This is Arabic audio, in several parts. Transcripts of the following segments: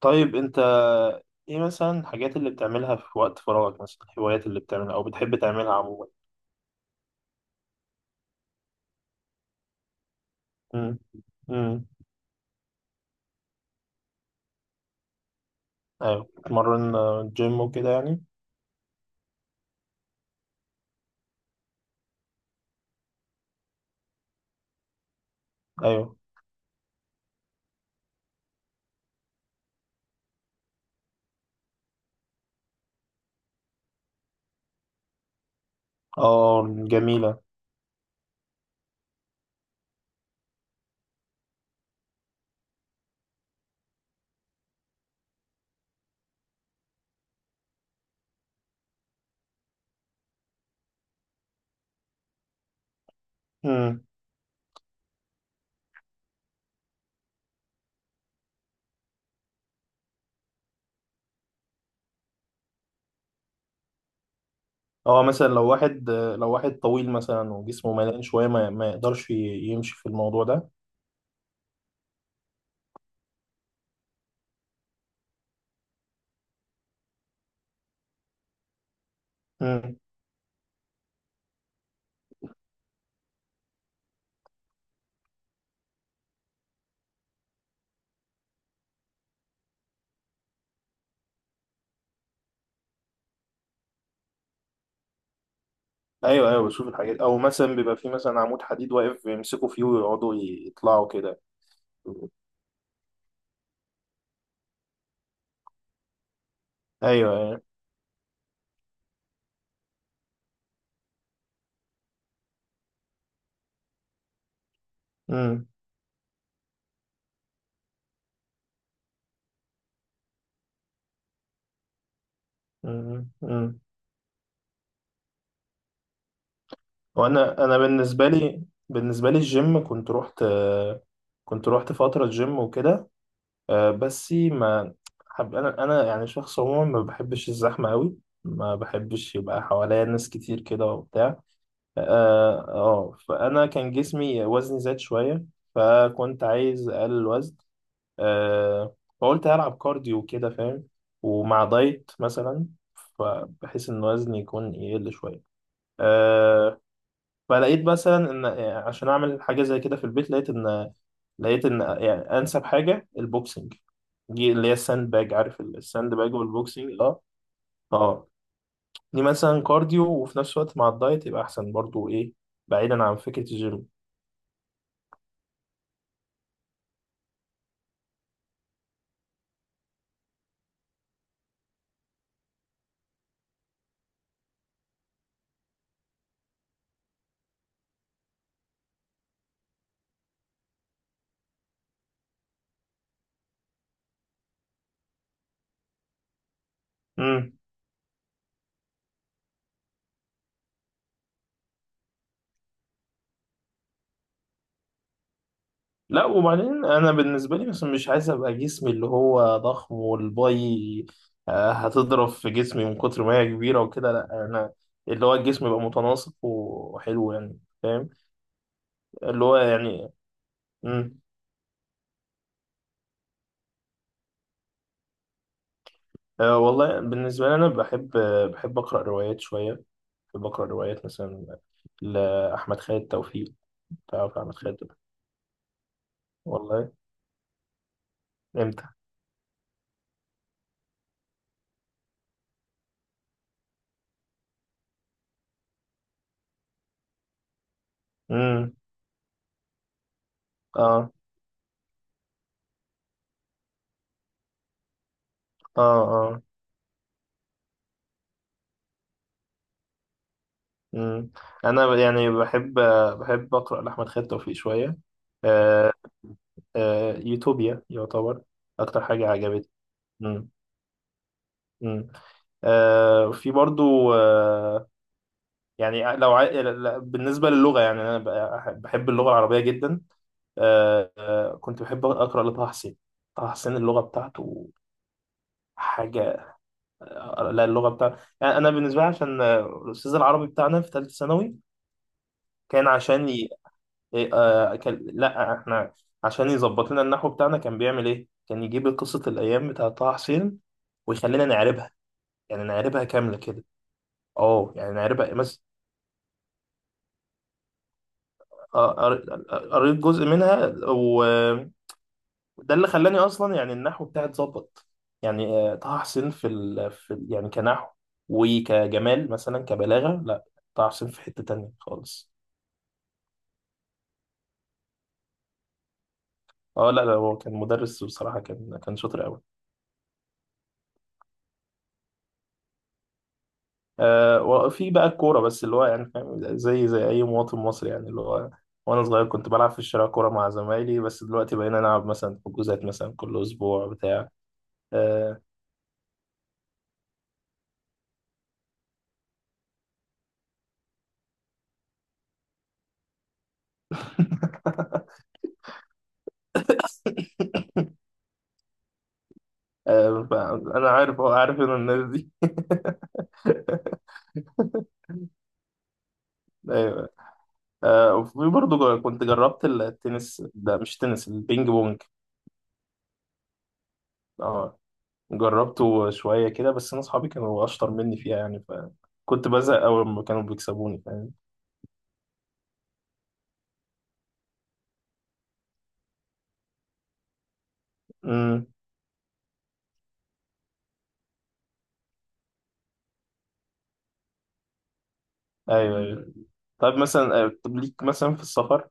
طيب انت ايه مثلا الحاجات اللي بتعملها في وقت فراغك مثلا الهوايات اللي بتعملها او بتحب تعملها عموما. امم امم ايوه، بتمرن، جيم وكده يعني. ايوه. اه، جميلة. امم اه، مثلا لو واحد طويل مثلا وجسمه مليان شوية، ما يقدرش يمشي في الموضوع ده. امم ايوه ايوه، بشوف الحاجات، او مثلا بيبقى في مثلا عمود حديد واقف يمسكوا فيه ويقعدوا يطلعوا كده. ايوه ايوه. امم وانا بالنسبه لي الجيم كنت رحت فتره جيم وكده، بس ما حب، انا يعني شخص عموما ما بحبش الزحمه قوي، ما بحبش يبقى حواليا ناس كتير كده وبتاع. اه، فانا كان جسمي، وزني زاد شويه، فكنت عايز اقلل الوزن. آه فقلت هلعب كارديو كده فاهم، ومع دايت مثلا، فبحيث ان وزني يكون يقل شويه. آه، فلقيت مثلا ان يعني عشان اعمل حاجه زي كده في البيت، لقيت ان يعني انسب حاجه البوكسنج، دي اللي هي الساند باج، عارف الساند باج والبوكسنج؟ اه. اه، دي مثلا كارديو وفي نفس الوقت مع الدايت يبقى احسن، برضو ايه، بعيدا عن فكره الجيم. امم لا، وبعدين انا بالنسبه لي مثلا مش عايز ابقى جسمي اللي هو ضخم والباي، هتضرب في جسمي من كتر ما هي كبيره وكده، لا انا اللي هو الجسم يبقى متناسق وحلو يعني فاهم، اللي هو يعني. مم. والله بالنسبة لي أنا بحب أقرأ روايات شوية، بحب أقرأ روايات مثلا لأحمد خالد توفيق. تعرف أحمد خالد توفيق؟ والله، إمتى؟ امم آه آه آه. امم أنا يعني بحب أقرأ لأحمد خالد توفيق شوية. آه. آه، يوتوبيا يعتبر أكتر حاجة عجبتني. امم امم في برضو، يعني لو عاي... بالنسبة للغة يعني أنا بحب اللغة العربية جدا. كنت بحب أقرأ لطه حسين. طه حسين اللغة بتاعته حاجة. لا، اللغة بتاعته يعني أنا بالنسبة لي عشان، الأستاذ العربي بتاعنا في ثالثة ثانوي، كان عشان ي... إيه، لا، إحنا عشان يظبط لنا النحو بتاعنا كان بيعمل إيه؟ كان يجيب قصة الأيام بتاعة طه حسين ويخلينا نعربها، يعني نعربها كاملة كده. يعني نعربها مثلا. قريت جزء منها. ده اللي خلاني اصلا يعني النحو بتاعي اتظبط. يعني طه حسين في يعني كنحو وكجمال مثلا كبلاغه، لا طه حسين في حته تانية خالص. اه، لا لا، هو كان مدرس بصراحه، كان شاطر قوي. وفي بقى الكوره، بس اللي هو يعني فاهم، زي اي مواطن مصري يعني اللي هو، وانا صغير كنت بلعب في الشارع كوره مع زمايلي، بس دلوقتي بقينا نلعب مثلا حجوزات مثلا كل اسبوع بتاع. آه. فانا عارف، هو عارف ان الناس دي. ايوه. وفي برضه كنت جربت التنس، ده مش تنس البينج بونج. اه، جربته شوية كده، بس أنا أصحابي كانوا أشطر مني فيها يعني، فكنت بزهق أول ما كانوا بيكسبوني فاهم. امم أيوه أيوه. طيب مثلا، طب ليك مثلا في السفر؟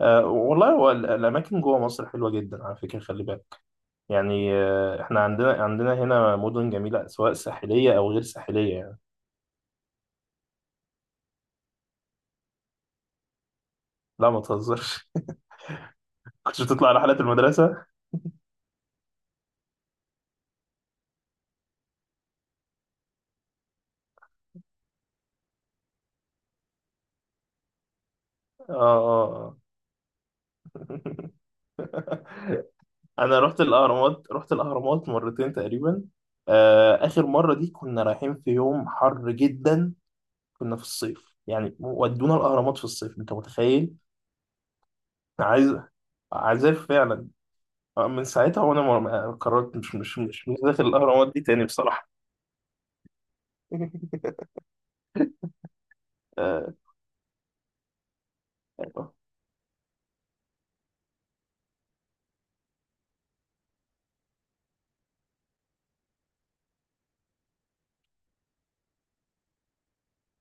والله هو الأماكن جوه مصر حلوة جدا على فكرة، خلي بالك، يعني إحنا، عندنا هنا مدن جميلة سواء ساحلية أو غير ساحلية يعني. لا، ما تهزرش. كنتش بتطلع رحلات المدرسة؟ اه اه. آه. انا رحت الاهرامات مرتين تقريبا. اخر مره دي كنا رايحين في يوم حر جدا، كنا في الصيف يعني، ودونا الاهرامات في الصيف، انت متخيل؟ عايز، عذاب فعلا. من ساعتها وانا ما قررت، مش داخل الاهرامات دي تاني بصراحه. اه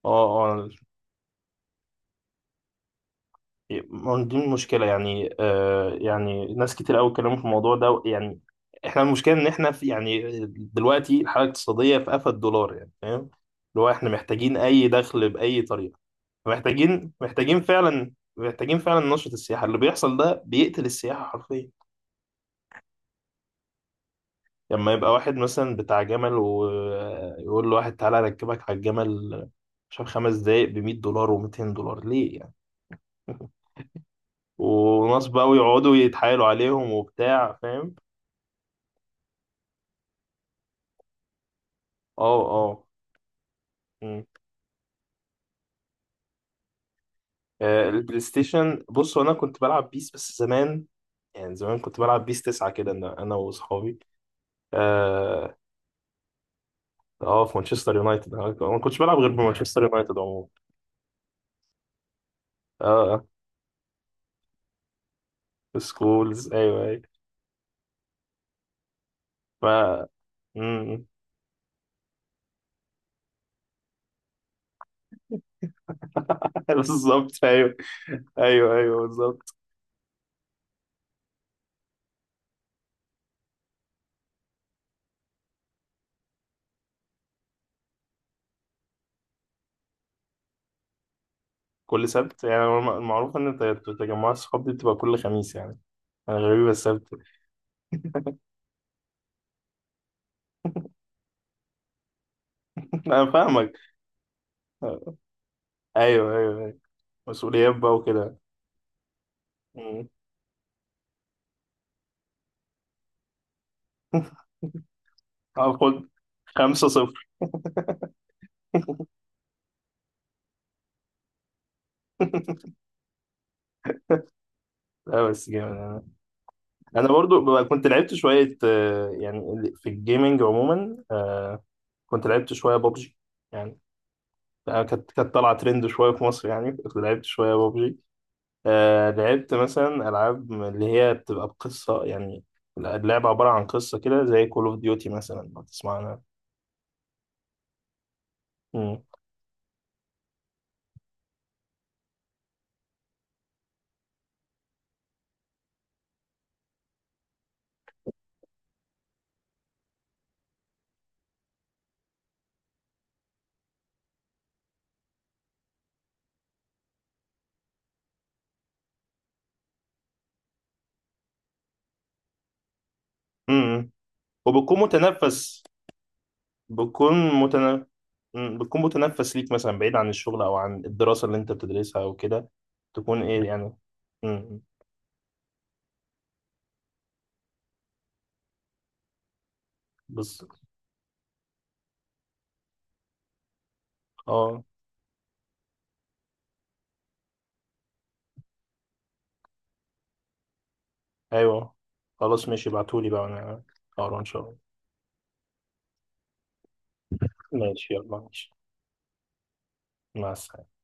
اه. آه، ما هو دي المشكلة يعني، يعني ناس كتير قوي اتكلموا في الموضوع ده يعني، احنا المشكلة ان احنا في يعني، دلوقتي الحالة الاقتصادية في قفا الدولار يعني فاهم، اللي هو احنا محتاجين اي دخل بأي طريقة. محتاجين فعلا، نشرة السياحة اللي بيحصل ده بيقتل السياحة حرفيا. لما يبقى واحد مثلا بتاع جمل ويقول لواحد تعالى اركبك على الجمل، مش عارف، 5 دقايق ب 100 دولار و200 دولار ليه يعني؟ وناس بقى ويقعدوا يتحايلوا عليهم وبتاع فاهم. اه اه. مم. البلاي ستيشن، بص انا كنت بلعب بيس بس زمان، يعني زمان كنت بلعب بيس 9 كده، انا واصحابي. اه. اه، في مانشستر يونايتد، انا ما كنتش بلعب غير بمانشستر يونايتد عموما. اه. سكولز، ايوه ايوه. ف مم. بالظبط، ايوه. ايوه ايوه بالظبط. كل سبت يعني المعروف ان تجمعات الصحاب دي بتبقى كل خميس يعني، انا غريب السبت. انا فاهمك. آه. ايوه ايوه ايوه، مسؤوليات بقى وكده. مم. هاخد 5-0. لا بس جامد انا. أنا برضو بقى كنت لعبت شوية، يعني في الجيمنج عموما، كنت لعبت شوية بابجي يعني، كانت طالعة ترند شوية في مصر يعني، كنت لعبت شوية بابجي. لعبت مثلا ألعاب اللي هي بتبقى بقصة يعني، اللعبة عبارة عن قصة كده زي كول اوف ديوتي مثلا لو تسمعنا. مم. مم. وبتكون متنافس، بتكون متنا... بتكون متنفس ليك مثلا بعيد عن الشغل او عن الدراسه اللي انت بتدرسها او كده، تكون ايه يعني. مم، بس، اه، ايوه. خلاص ماشي، ابعتولي بقى انا اقرا ان شاء الله. ماشي، يلا ماشي، مع السلامه.